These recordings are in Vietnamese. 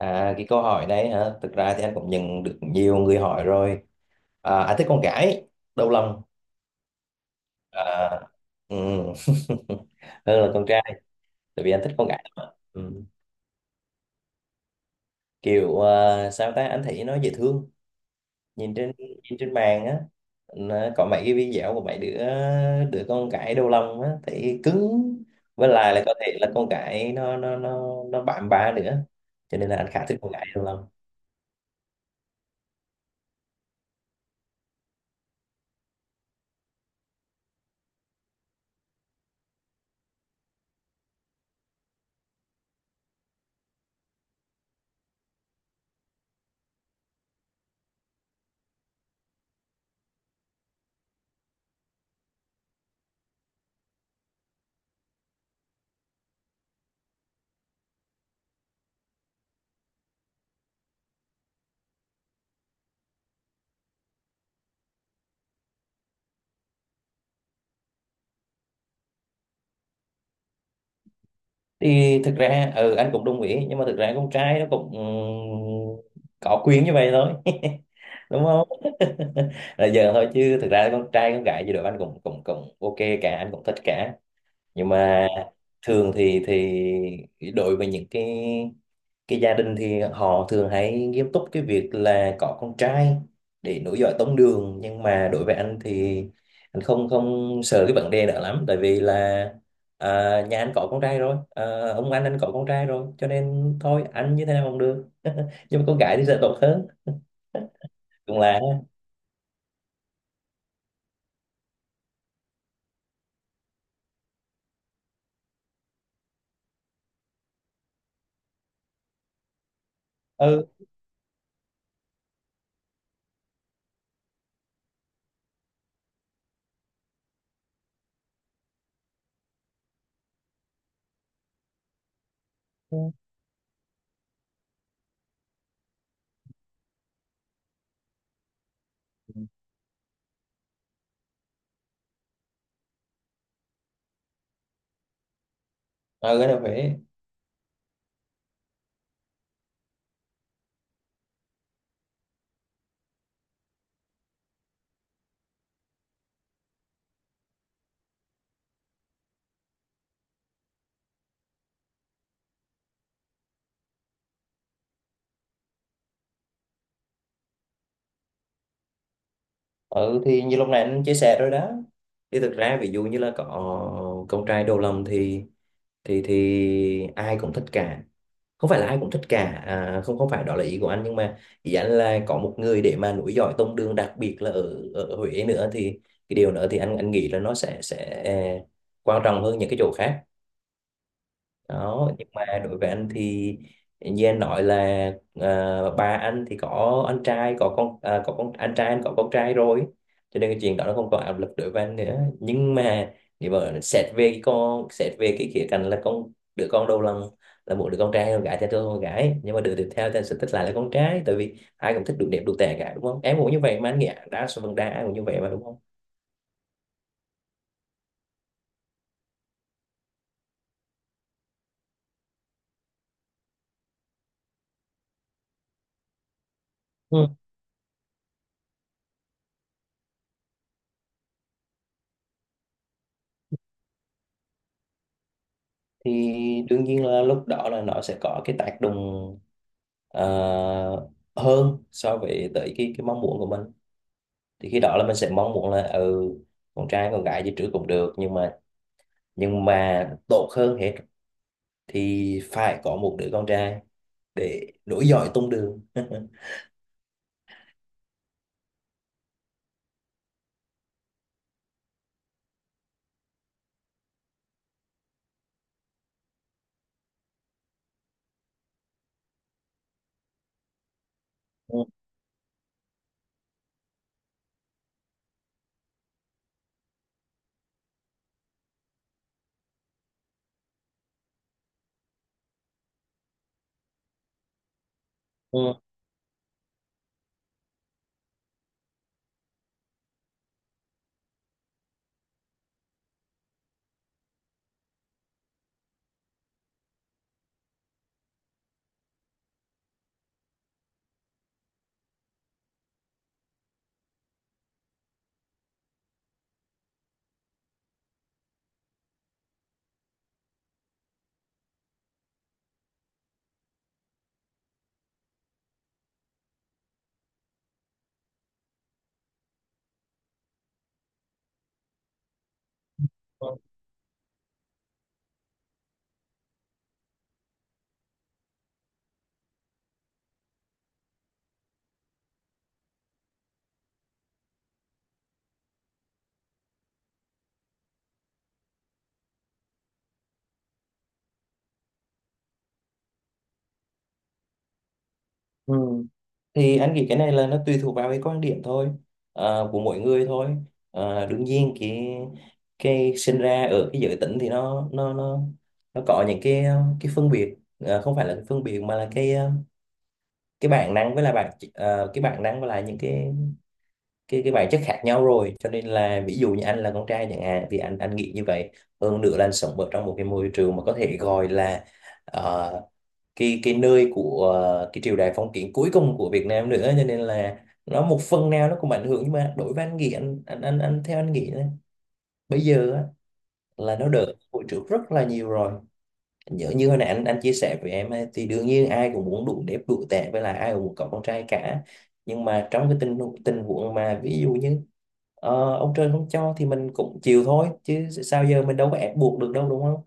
À, cái câu hỏi này hả? Thực ra thì anh cũng nhận được nhiều người hỏi rồi. À, anh thích con gái, đầu lòng. À, ừ. Hơn là con trai, tại vì anh thích con gái lắm ạ. Ừ. Kiểu à, sao ta, anh thấy nó dễ thương. Nhìn trên mạng á, nó có mấy cái video của mấy đứa đứa con gái đầu lòng á, thấy cứng. Với lại là có thể là con gái nó bạm bạ nữa. Cho nên là anh khá thích con gái đầu lòng. Thì thực ra anh cũng đồng ý, nhưng mà thực ra con trai nó cũng có quyền như vậy thôi, đúng không? Là giờ thôi, chứ thực ra con trai con gái gì đó anh cũng cũng cũng ok cả, anh cũng thích cả. Nhưng mà thường thì đối với những cái gia đình thì họ thường hay nghiêm túc cái việc là có con trai để nối dõi tông đường. Nhưng mà đối với anh thì anh không không sợ cái vấn đề đó lắm, tại vì là à, nhà anh có con trai rồi, à, ông anh có con trai rồi, cho nên thôi anh như thế nào cũng được. Nhưng mà con gái thì sẽ tốt hơn, cũng là ừ. Ừ. Ở Huế. Ừ, thì như lúc này anh chia sẻ rồi đó, thì thực ra ví dụ như là có con trai đầu lòng thì ai cũng thích cả. Không phải là ai cũng thích cả à, không, không phải đó là ý của anh, nhưng mà ý anh là có một người để mà nối dõi tông đường, đặc biệt là ở ở Huế nữa, thì cái điều nữa thì anh nghĩ là nó sẽ quan trọng hơn những cái chỗ khác đó. Nhưng mà đối với anh thì như anh nói là à, ba anh thì có anh trai có con à, có con anh trai, anh có con trai rồi, cho nên cái chuyện đó nó không còn áp lực đối với anh nữa. Nhưng mà nếu mà xét về cái con xét về cái khía cạnh là đứa con đầu lòng là một đứa con trai con gái thì tôi con gái, nhưng mà đứa tiếp theo thì anh sẽ thích lại là con trai, tại vì ai cũng thích đủ đẹp đủ tệ cả, đúng không? Em cũng như vậy mà, anh nghĩ đa số phần đa ai cũng như vậy mà, đúng không? Thì đương nhiên là lúc đó là nó sẽ có cái tác động, ờ, hơn so với tới cái mong muốn của mình. Thì khi đó là mình sẽ mong muốn là con trai con gái gì trước cũng được, nhưng mà tốt hơn hết thì phải có một đứa con trai để nối dõi tông đường. Ừ. Ừ. Ừ. Thì anh nghĩ cái này là nó tùy thuộc vào cái quan điểm thôi, của mỗi người thôi. Đương nhiên cái sinh ra ở cái giới tính thì nó có những cái cái phân biệt. Ờ, không phải là cái phân biệt, mà là cái bản năng, với là cái bản năng với lại những cái bản chất khác nhau rồi, cho nên là ví dụ như anh là con trai chẳng hạn thì anh nghĩ như vậy. Hơn nữa là anh sống ở trong một cái môi trường mà có thể gọi là ờ, cái nơi của cái triều đại phong kiến cuối cùng của Việt Nam nữa, cho nên là nó một phần nào nó cũng ảnh hưởng. Nhưng mà đối với anh nghĩ, anh theo anh nghĩ á, bây giờ á, là nó đỡ hồi trước rất là nhiều rồi. Nhớ như hồi nãy anh chia sẻ với em ấy, thì đương nhiên ai cũng muốn đủ đẹp đủ tệ, với lại ai cũng muốn có con trai cả. Nhưng mà trong cái tình tình huống mà ví dụ như ông trời không cho thì mình cũng chịu thôi, chứ sao giờ mình đâu có ép buộc được đâu, đúng không?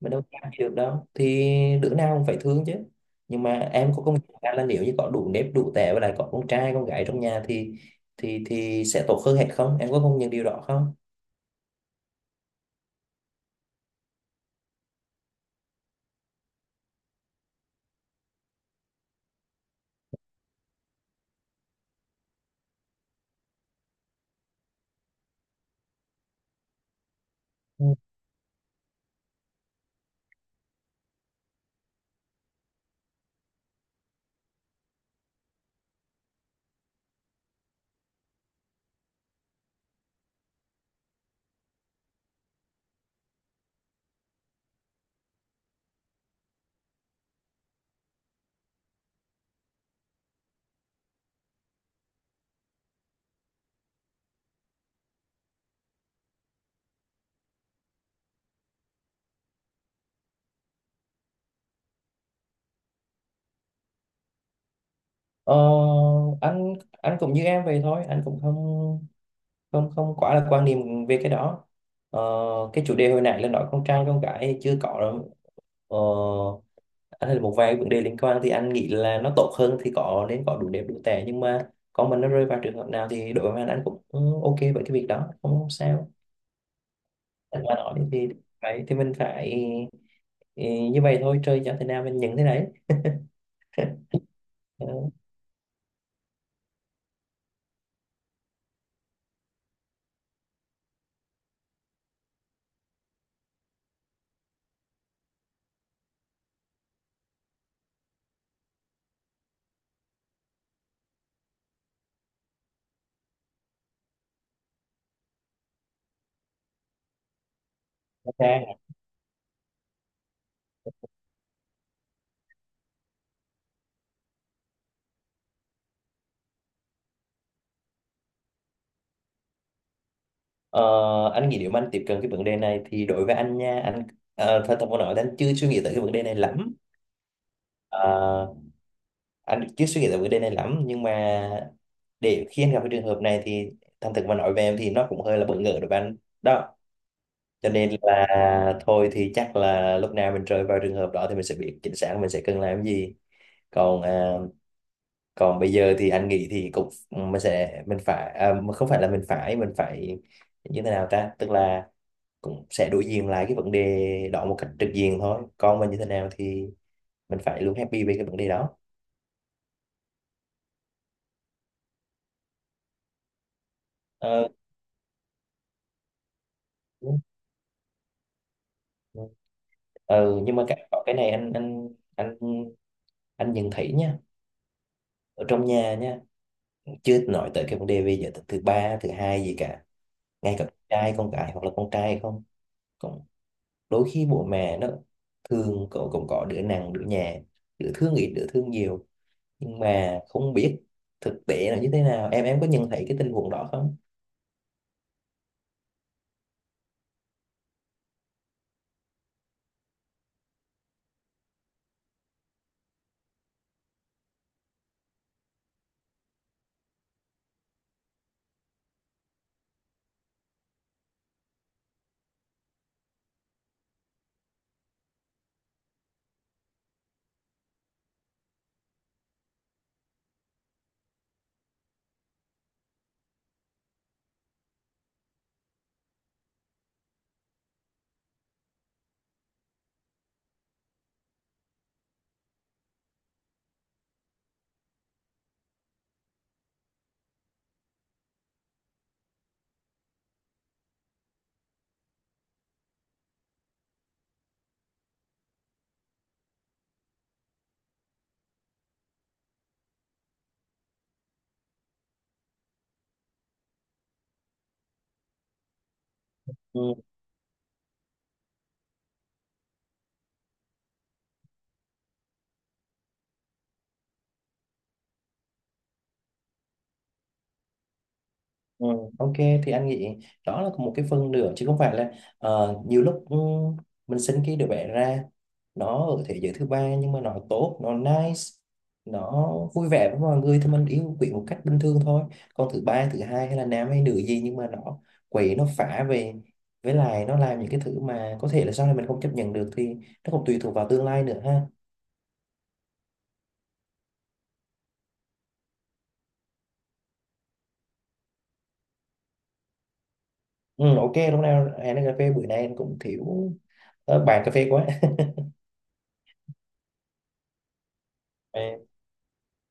Mà đâu cam gì được đâu, thì đứa nào cũng phải thương chứ. Nhưng mà em có công nhận ra là nếu như có đủ nếp đủ tẻ và lại có con trai con gái trong nhà thì thì sẽ tốt hơn hết không, em có công nhận điều đó không? Ừ. ờ, anh cũng như em vậy thôi, anh cũng không không không quá là quan niệm về cái đó. Ờ, cái chủ đề hồi nãy là nói con trai con gái chưa có đâu. Ờ, anh thấy một vài vấn đề liên quan thì anh nghĩ là nó tốt hơn thì có nên có đủ đẹp đủ tệ, nhưng mà con mình nó rơi vào trường hợp nào thì đội với anh cũng ừ, ok với cái việc đó, không sao. Anh mà nói thì phải thì mình phải ừ, như vậy thôi, chơi cho thế nào mình nhận thế đấy. Ừ, ok. Ờ, anh nghĩ nếu mà anh tiếp cận cái vấn đề này thì đối với anh nha, anh thật thật mà nói thì anh chưa suy nghĩ tới cái vấn đề này lắm. Ờ, anh chưa suy nghĩ tới vấn đề này lắm, nhưng mà để khi anh gặp cái trường hợp này thì thành thực mà nói về em thì nó cũng hơi là bỡ ngỡ đối với anh đó. Cho nên là thôi thì chắc là lúc nào mình rơi vào trường hợp đó thì mình sẽ biết chính xác mình sẽ cần làm gì. Còn à, còn bây giờ thì anh nghĩ thì cũng mình sẽ mình phải mà không phải là mình phải như thế nào ta, tức là cũng sẽ đối diện lại cái vấn đề đó một cách trực diện thôi, còn mình như thế nào thì mình phải luôn happy về cái vấn đề đó. ờ, Đúng. Ờ, nhưng mà có cái này anh anh nhận thấy nha, ở trong nhà nha, chứ nói tới cái vấn đề về giới tính thứ ba thứ hai gì cả, ngay cả con trai con gái hoặc là con trai không, cũng đôi khi bố mẹ nó thường cậu cũng có đứa nặng đứa nhẹ, đứa thương ít đứa thương nhiều, nhưng mà không biết thực tế là như thế nào, em có nhận thấy cái tình huống đó không? Ừ. Ừ, ok, thì anh nghĩ đó là một cái phần nữa, chứ không phải là nhiều lúc mình sinh cái đứa bé ra, nó ở thế giới thứ ba nhưng mà nó tốt, nó nice, nó vui vẻ với mọi người thì mình yêu quý một cách bình thường thôi. Còn thứ ba thứ hai hay là nam hay nữ gì nhưng mà nó quậy nó phá về, với lại nó làm những cái thứ mà có thể là sau này mình không chấp nhận được, thì nó cũng tùy thuộc vào tương lai nữa ha. Ừ, ok, lúc nào hẹn cà phê, bữa nay anh cũng thiếu bàn cà phê quá.